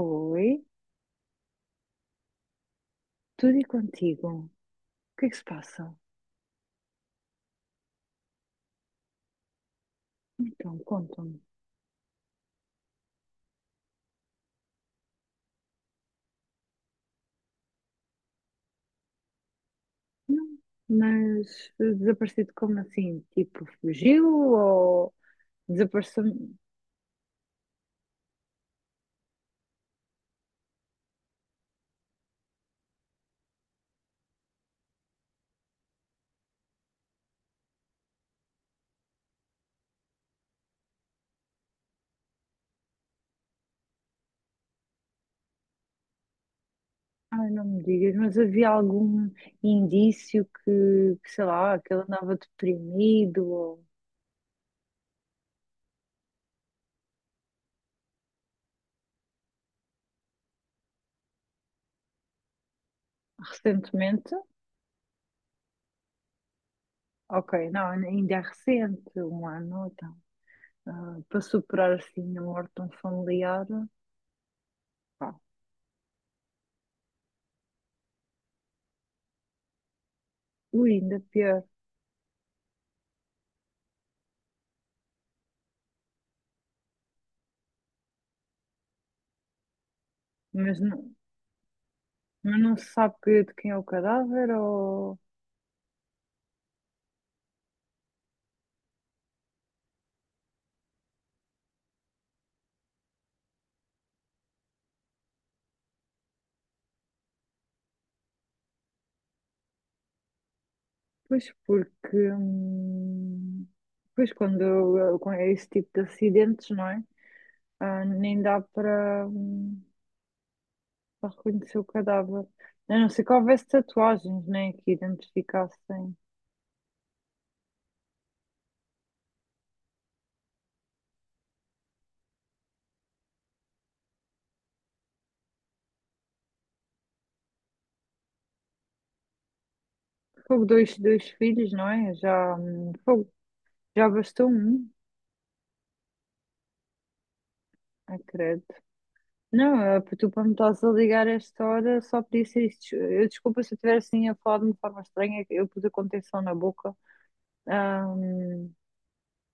Oi, tudo e contigo? O que é que se passa? Então, conta me. Não, mas desaparecido como assim? Tipo, fugiu ou desapareceu? Ai, não me digas, mas havia algum indício que, sei lá, que ele andava deprimido ou recentemente? Ok, não, ainda é recente, um ano, então. Ah, para superar assim a morte de um familiar, pá, ui, ainda pior. Mas não. Mas não se sabe que- de quem é o cadáver ou. Pois porque. Pois quando é esse tipo de acidentes, não é? Ah, nem dá para para reconhecer o cadáver. A não ser que houvesse tatuagens, né? Que identificassem. Fogo, dois, dois filhos, não é? Já, fogo, já bastou um, acredito. Não, tu para me estás a ligar a esta hora só podia ser isto. Eu desculpa se eu estiver assim a falar de uma forma estranha, eu pus a contenção na boca. Ahm,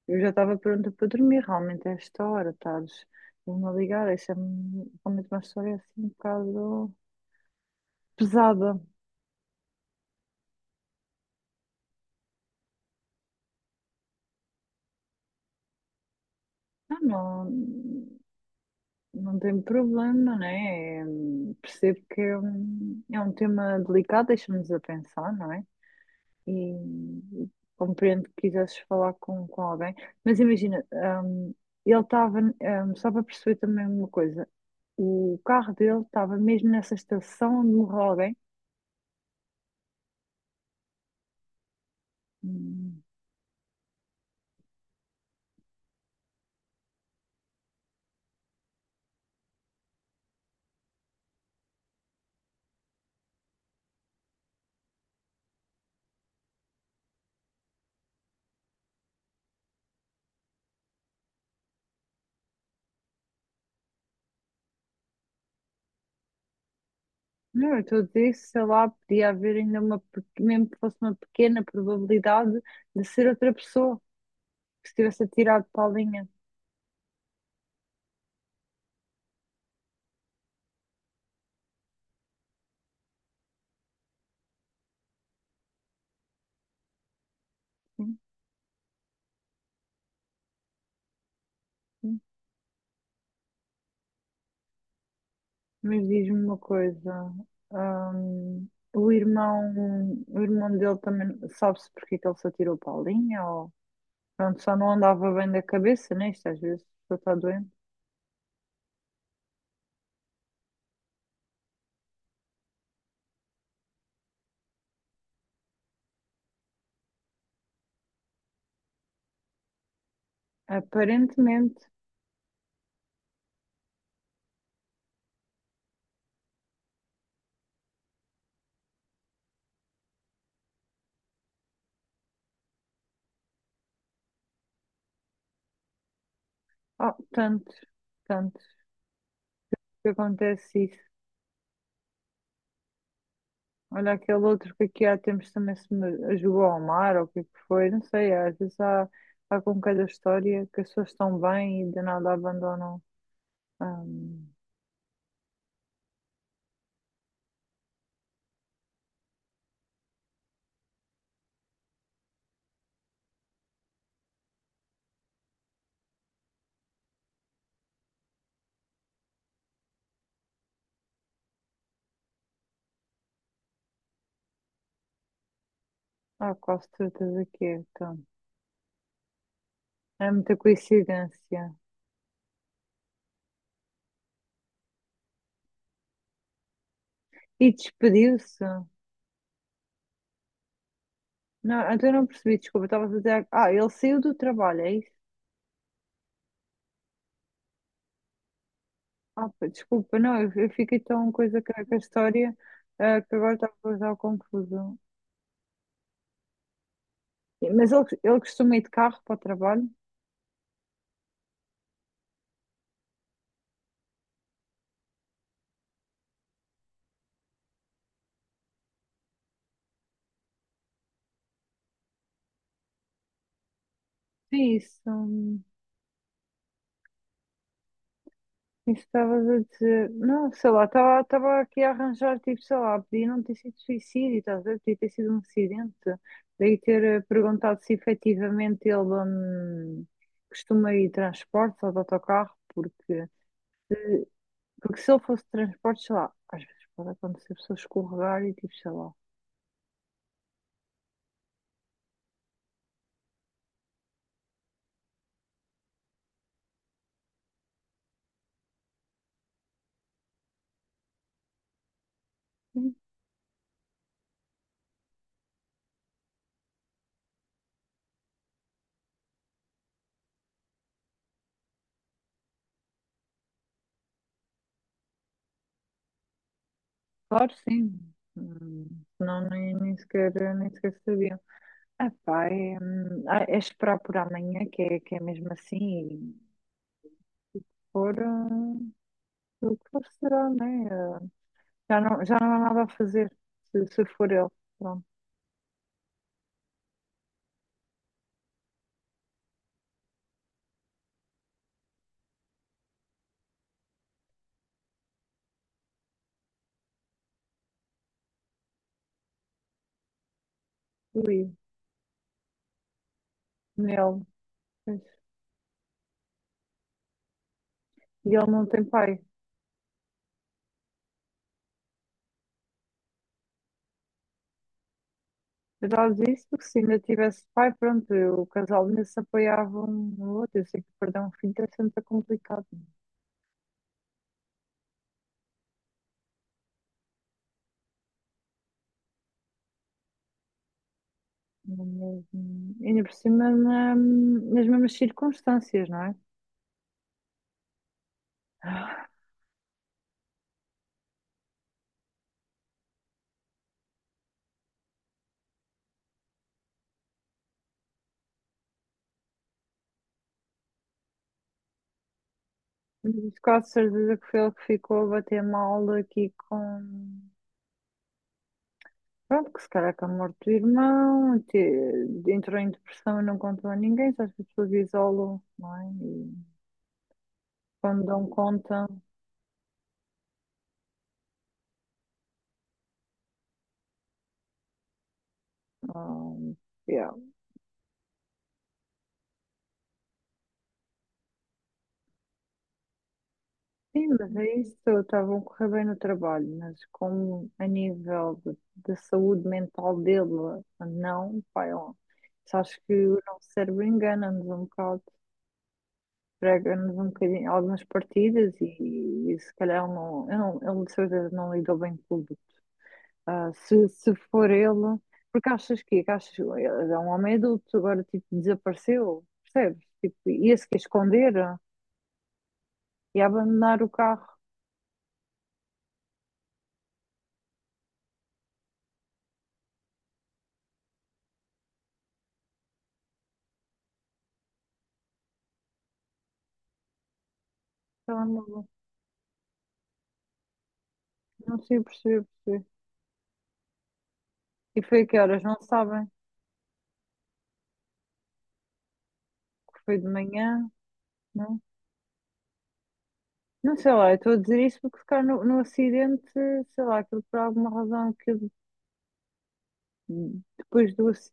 eu já estava pronta para dormir, realmente, a esta hora, estás me a ligar, isso é me realmente uma história assim um bocado pesada. Ah, não, não tem problema, né? É, percebo que é um tema delicado, deixa-nos a pensar, não é? E, e compreendo que quisesses falar com alguém, mas imagina, ele estava, só para perceber também uma coisa, o carro dele estava mesmo nessa estação onde morreu alguém. Hum. Não, eu estou a dizer, sei lá, podia haver ainda uma, pe- mesmo que fosse uma pequena probabilidade de ser outra pessoa que se tivesse atirado para a linha. Sim, sim. Mas diz-me uma coisa, hum, o irmão dele também sabe-se porque é que ele se atirou para a linha ou pronto, só não andava bem da cabeça, né? Isto às vezes a pessoa está doente. Aparentemente, oh, tanto, tanto que acontece isso. Olha aquele outro que aqui há tempos também se me jogou ao mar, ou o que é que foi, não sei, às vezes há, há com cada história que as pessoas estão bem e de nada abandonam. hum, Há quase certeza que é, então. É muita coincidência. E despediu-se? Não, então eu não percebi, desculpa, estava a dizer. Ah, ele saiu do trabalho, é isso? Ah, pá, desculpa, não, eu fiquei tão coisa com a história, ah, que agora estava a causar confusão. Mas ele costuma ir de carro para o trabalho? Sim, isso. Isso estavas a dizer. Não, sei lá, estava estava aqui a arranjar, tipo, sei lá, podia não ter sido suicídio, estás a ver? Podia ter sido um acidente. Daí ter perguntado se efetivamente ele costuma ir de transportes ou de autocarro, porque, porque se ele fosse de transportes, sei lá, às vezes pode acontecer a pessoa escorregar e tipo, sei lá. Sim, claro, sim. Hum. Não, nem, nem sequer, nem sequer sabiam. Ah, pá, é, ah, é esperar por amanhã, que é mesmo assim, e for. O que for será, né? Eh, já não, já não há nada a fazer, se for ele. Pronto. Ui, nele. Pois. E ele não tem pai. Eu já lhe disse porque se ainda tivesse pai, pronto, eu- o casal ainda se apoiava um no outro. Eu sei que perder um filho é sempre complicado. Não é mesmo? Ainda por cima, na- nas mesmas circunstâncias, não é? Mas quase certeza que foi ele que ficou a bater mal aqui com. Pronto, que se calhar que a morte irmão, te- entrou em depressão e não contou a ninguém, só as pessoas isolam, não é? E quando dão conta, ah, yeah. Sim, mas é isso, estavam a correr bem no trabalho, mas como a nível de saúde mental dele, não, pai, ó, só acho que o nosso cérebro engana-nos um bocado, prega-nos um bocadinho algumas partidas e se calhar ele não, eu não, ele de certeza não lidou bem com tudo. Ah, se for ele, porque achas que achas, ele é um homem adulto, agora tipo desapareceu, percebes? Tipo, ia-se que esconder e abandonar o carro. Então, não, não sei perceber, perceber. E foi a que horas? Não sabem? Que foi de manhã? Não? Não sei lá, eu estou a dizer isso porque se calhar no, no acidente, sei lá, aquilo por alguma razão que eu- depois do acidente.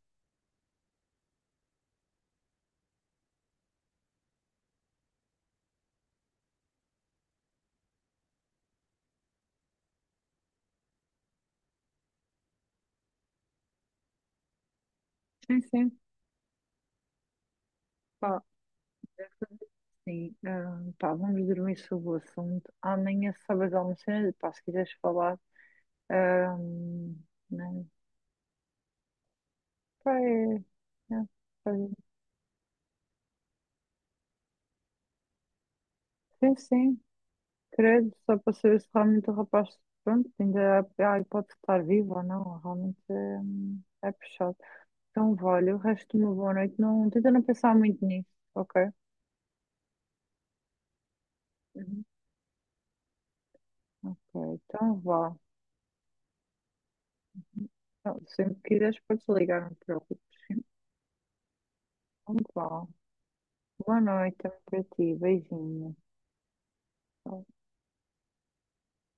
Sim, sim, pá. Sim, ah, pá, vamos dormir sobre o assunto. Amanhã sabes alguma cena, pá, se quiseres falar. Ahm, né? Pá, é, é, olha, sim, sim, credo, só para saber se realmente o rapaz, pronto, ainda há, há hipótese de estar vivo ou não, realmente é, é puxado. Então, vale, o resto de uma boa noite, não, tenta não pensar muito nisso, ok? Uhum. Ok, então vá. Então, sempre que quiseres, podes ligar, não te preocupes. Então, vá. Boa noite também para ti, beijinho. Tchau.